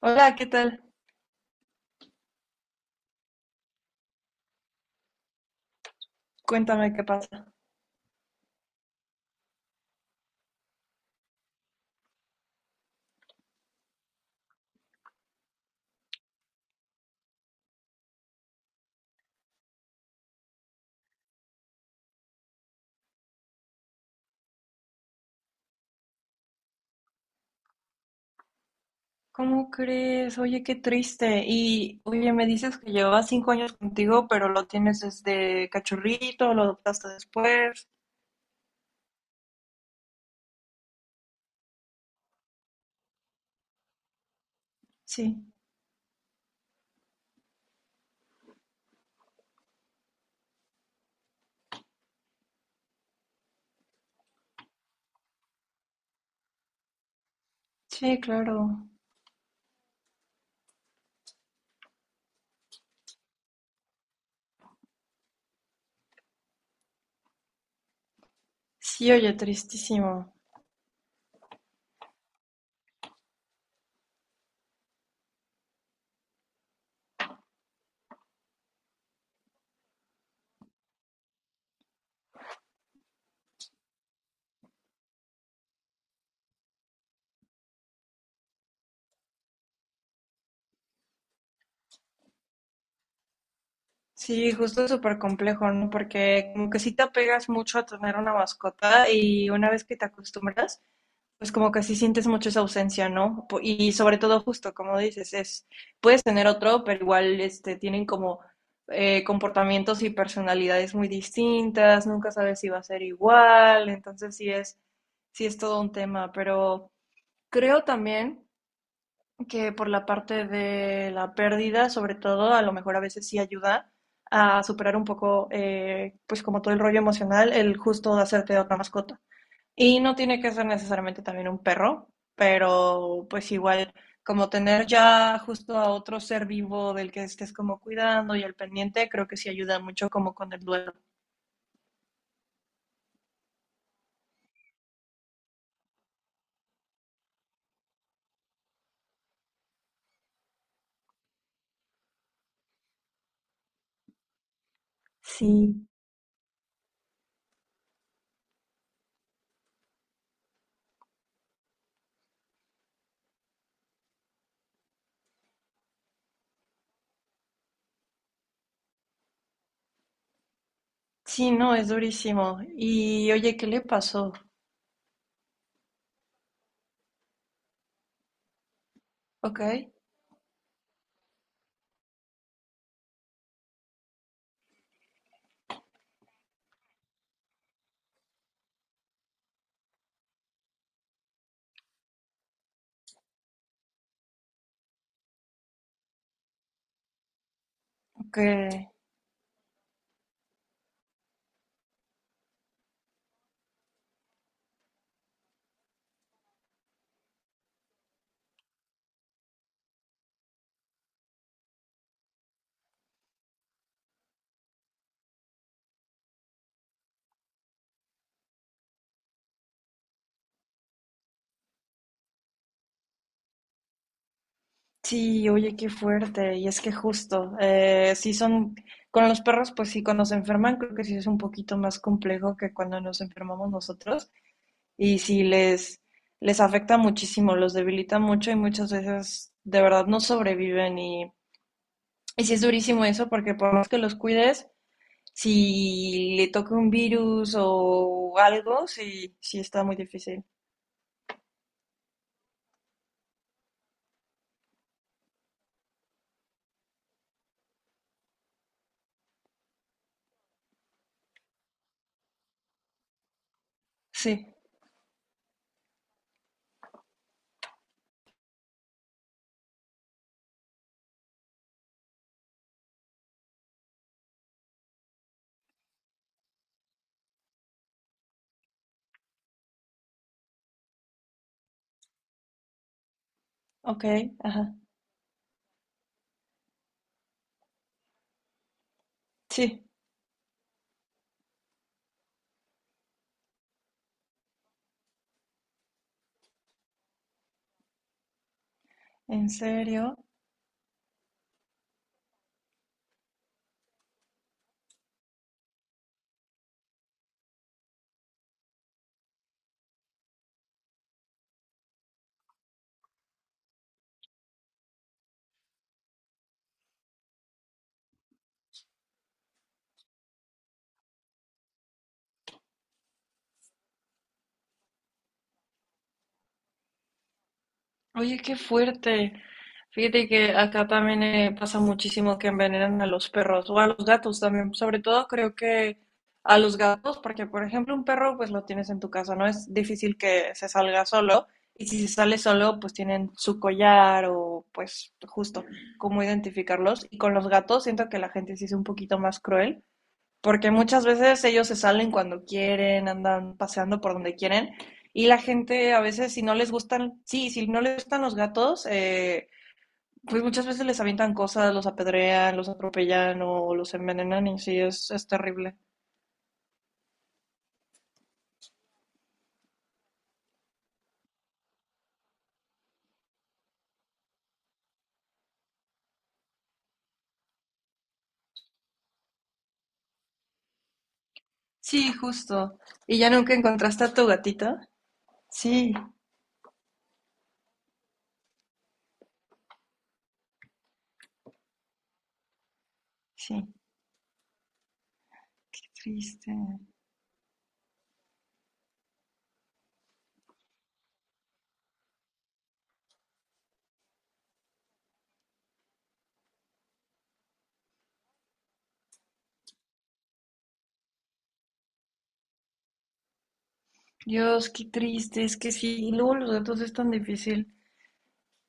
Hola, ¿qué tal? Cuéntame qué pasa. ¿Cómo crees? Oye, qué triste. Y, oye, me dices que llevabas 5 años contigo, pero lo tienes desde cachorrito, lo adoptaste después. Sí, sí, claro. Sí, oye, tristísimo. Sí, justo es súper complejo, ¿no? Porque como que sí te apegas mucho a tener una mascota y una vez que te acostumbras, pues como que sí sientes mucho esa ausencia, ¿no? Y sobre todo justo, como dices, es, puedes tener otro, pero igual este, tienen como comportamientos y personalidades muy distintas, nunca sabes si va a ser igual, entonces sí es todo un tema, pero creo también que por la parte de la pérdida, sobre todo, a lo mejor a veces sí ayuda a superar un poco, pues como todo el rollo emocional, el justo de hacerte otra mascota. Y no tiene que ser necesariamente también un perro, pero pues igual como tener ya justo a otro ser vivo del que estés como cuidando y al pendiente, creo que sí ayuda mucho como con el duelo. Sí. Sí, no, es durísimo. Y oye, ¿qué le pasó? Ok, ok. Sí, oye, qué fuerte. Y es que justo, con los perros, pues sí, cuando se enferman, creo que sí es un poquito más complejo que cuando nos enfermamos nosotros. Y si les afecta muchísimo, los debilita mucho y muchas veces de verdad no sobreviven y sí es durísimo eso porque por más que los cuides, si le toca un virus o algo, sí, sí está muy difícil. Sí, ok, ajá, sí, en serio. Oye, qué fuerte. Fíjate que acá también pasa muchísimo que envenenan a los perros o a los gatos también. Sobre todo creo que a los gatos, porque por ejemplo un perro pues lo tienes en tu casa, no es difícil que se salga solo. Y si se sale solo, pues tienen su collar o pues justo cómo identificarlos. Y con los gatos siento que la gente sí es un poquito más cruel porque muchas veces ellos se salen cuando quieren, andan paseando por donde quieren. Y la gente a veces si no les gustan, sí, si no les gustan los gatos, pues muchas veces les avientan cosas, los apedrean, los atropellan o los envenenan y sí, es terrible. Sí, justo. ¿Y ya nunca encontraste a tu gatita? Sí, sí, qué triste. Dios, qué triste, es que sí, y luego los gatos es tan difícil.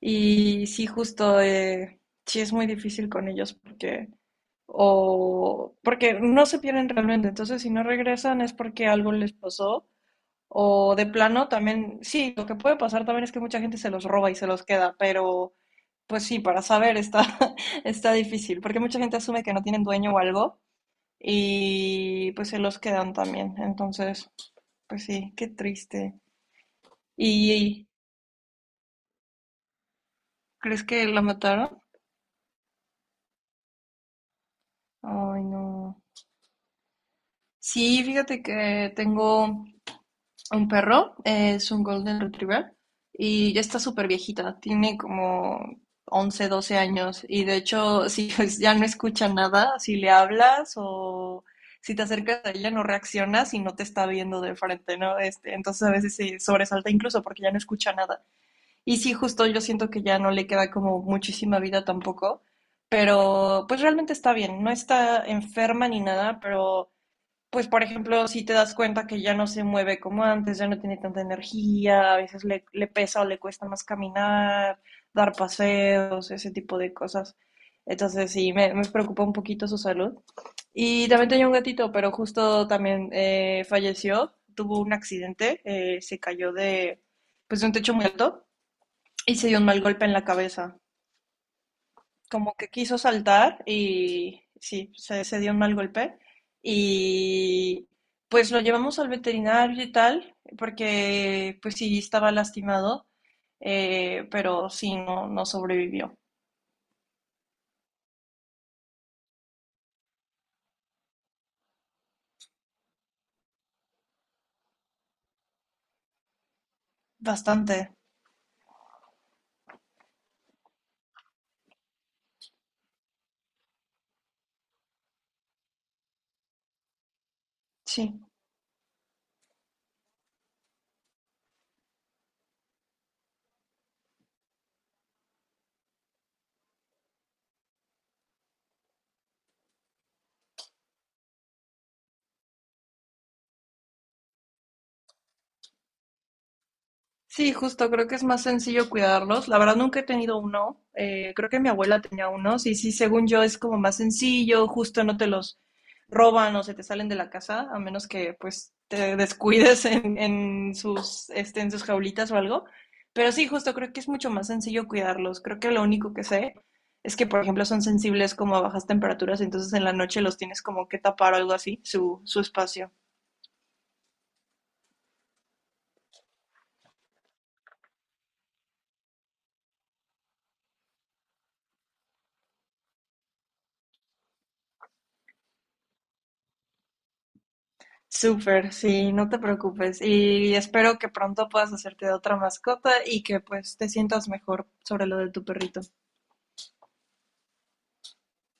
Y sí, justo, sí es muy difícil con ellos porque no se pierden realmente. Entonces, si no regresan es porque algo les pasó. O de plano también, sí, lo que puede pasar también es que mucha gente se los roba y se los queda, pero pues sí, para saber está, está difícil, porque mucha gente asume que no tienen dueño o algo y pues se los quedan también. Entonces, pues sí, qué triste. ¿Y crees que la mataron? Ay, no. Sí, fíjate que tengo un perro, es un Golden Retriever y ya está súper viejita, tiene como 11, 12 años y de hecho si pues, ya no escucha nada, si le hablas o si te acercas a ella no reaccionas y no te está viendo de frente, ¿no? Este, entonces a veces se sobresalta incluso porque ya no escucha nada. Y sí, justo yo siento que ya no le queda como muchísima vida tampoco, pero pues realmente está bien, no está enferma ni nada, pero pues por ejemplo, si te das cuenta que ya no se mueve como antes, ya no tiene tanta energía, a veces le pesa o le cuesta más caminar, dar paseos, ese tipo de cosas. Entonces sí, me preocupa un poquito su salud. Y también tenía un gatito, pero justo también falleció, tuvo un accidente, se cayó de un techo muy alto y se dio un mal golpe en la cabeza como que quiso saltar y sí, se dio un mal golpe. Y pues lo llevamos al veterinario y tal, porque pues sí estaba lastimado, pero sí, no, no sobrevivió. Bastante, sí. Sí, justo, creo que es más sencillo cuidarlos. La verdad nunca he tenido uno. Creo que mi abuela tenía unos y sí, según yo es como más sencillo, justo no te los roban o se te salen de la casa, a menos que pues te descuides en en sus jaulitas o algo. Pero sí, justo creo que es mucho más sencillo cuidarlos. Creo que lo único que sé es que, por ejemplo, son sensibles como a bajas temperaturas, entonces en la noche los tienes como que tapar o algo así, su espacio. Súper, sí, no te preocupes. Y espero que pronto puedas hacerte de otra mascota y que pues te sientas mejor sobre lo de tu perrito.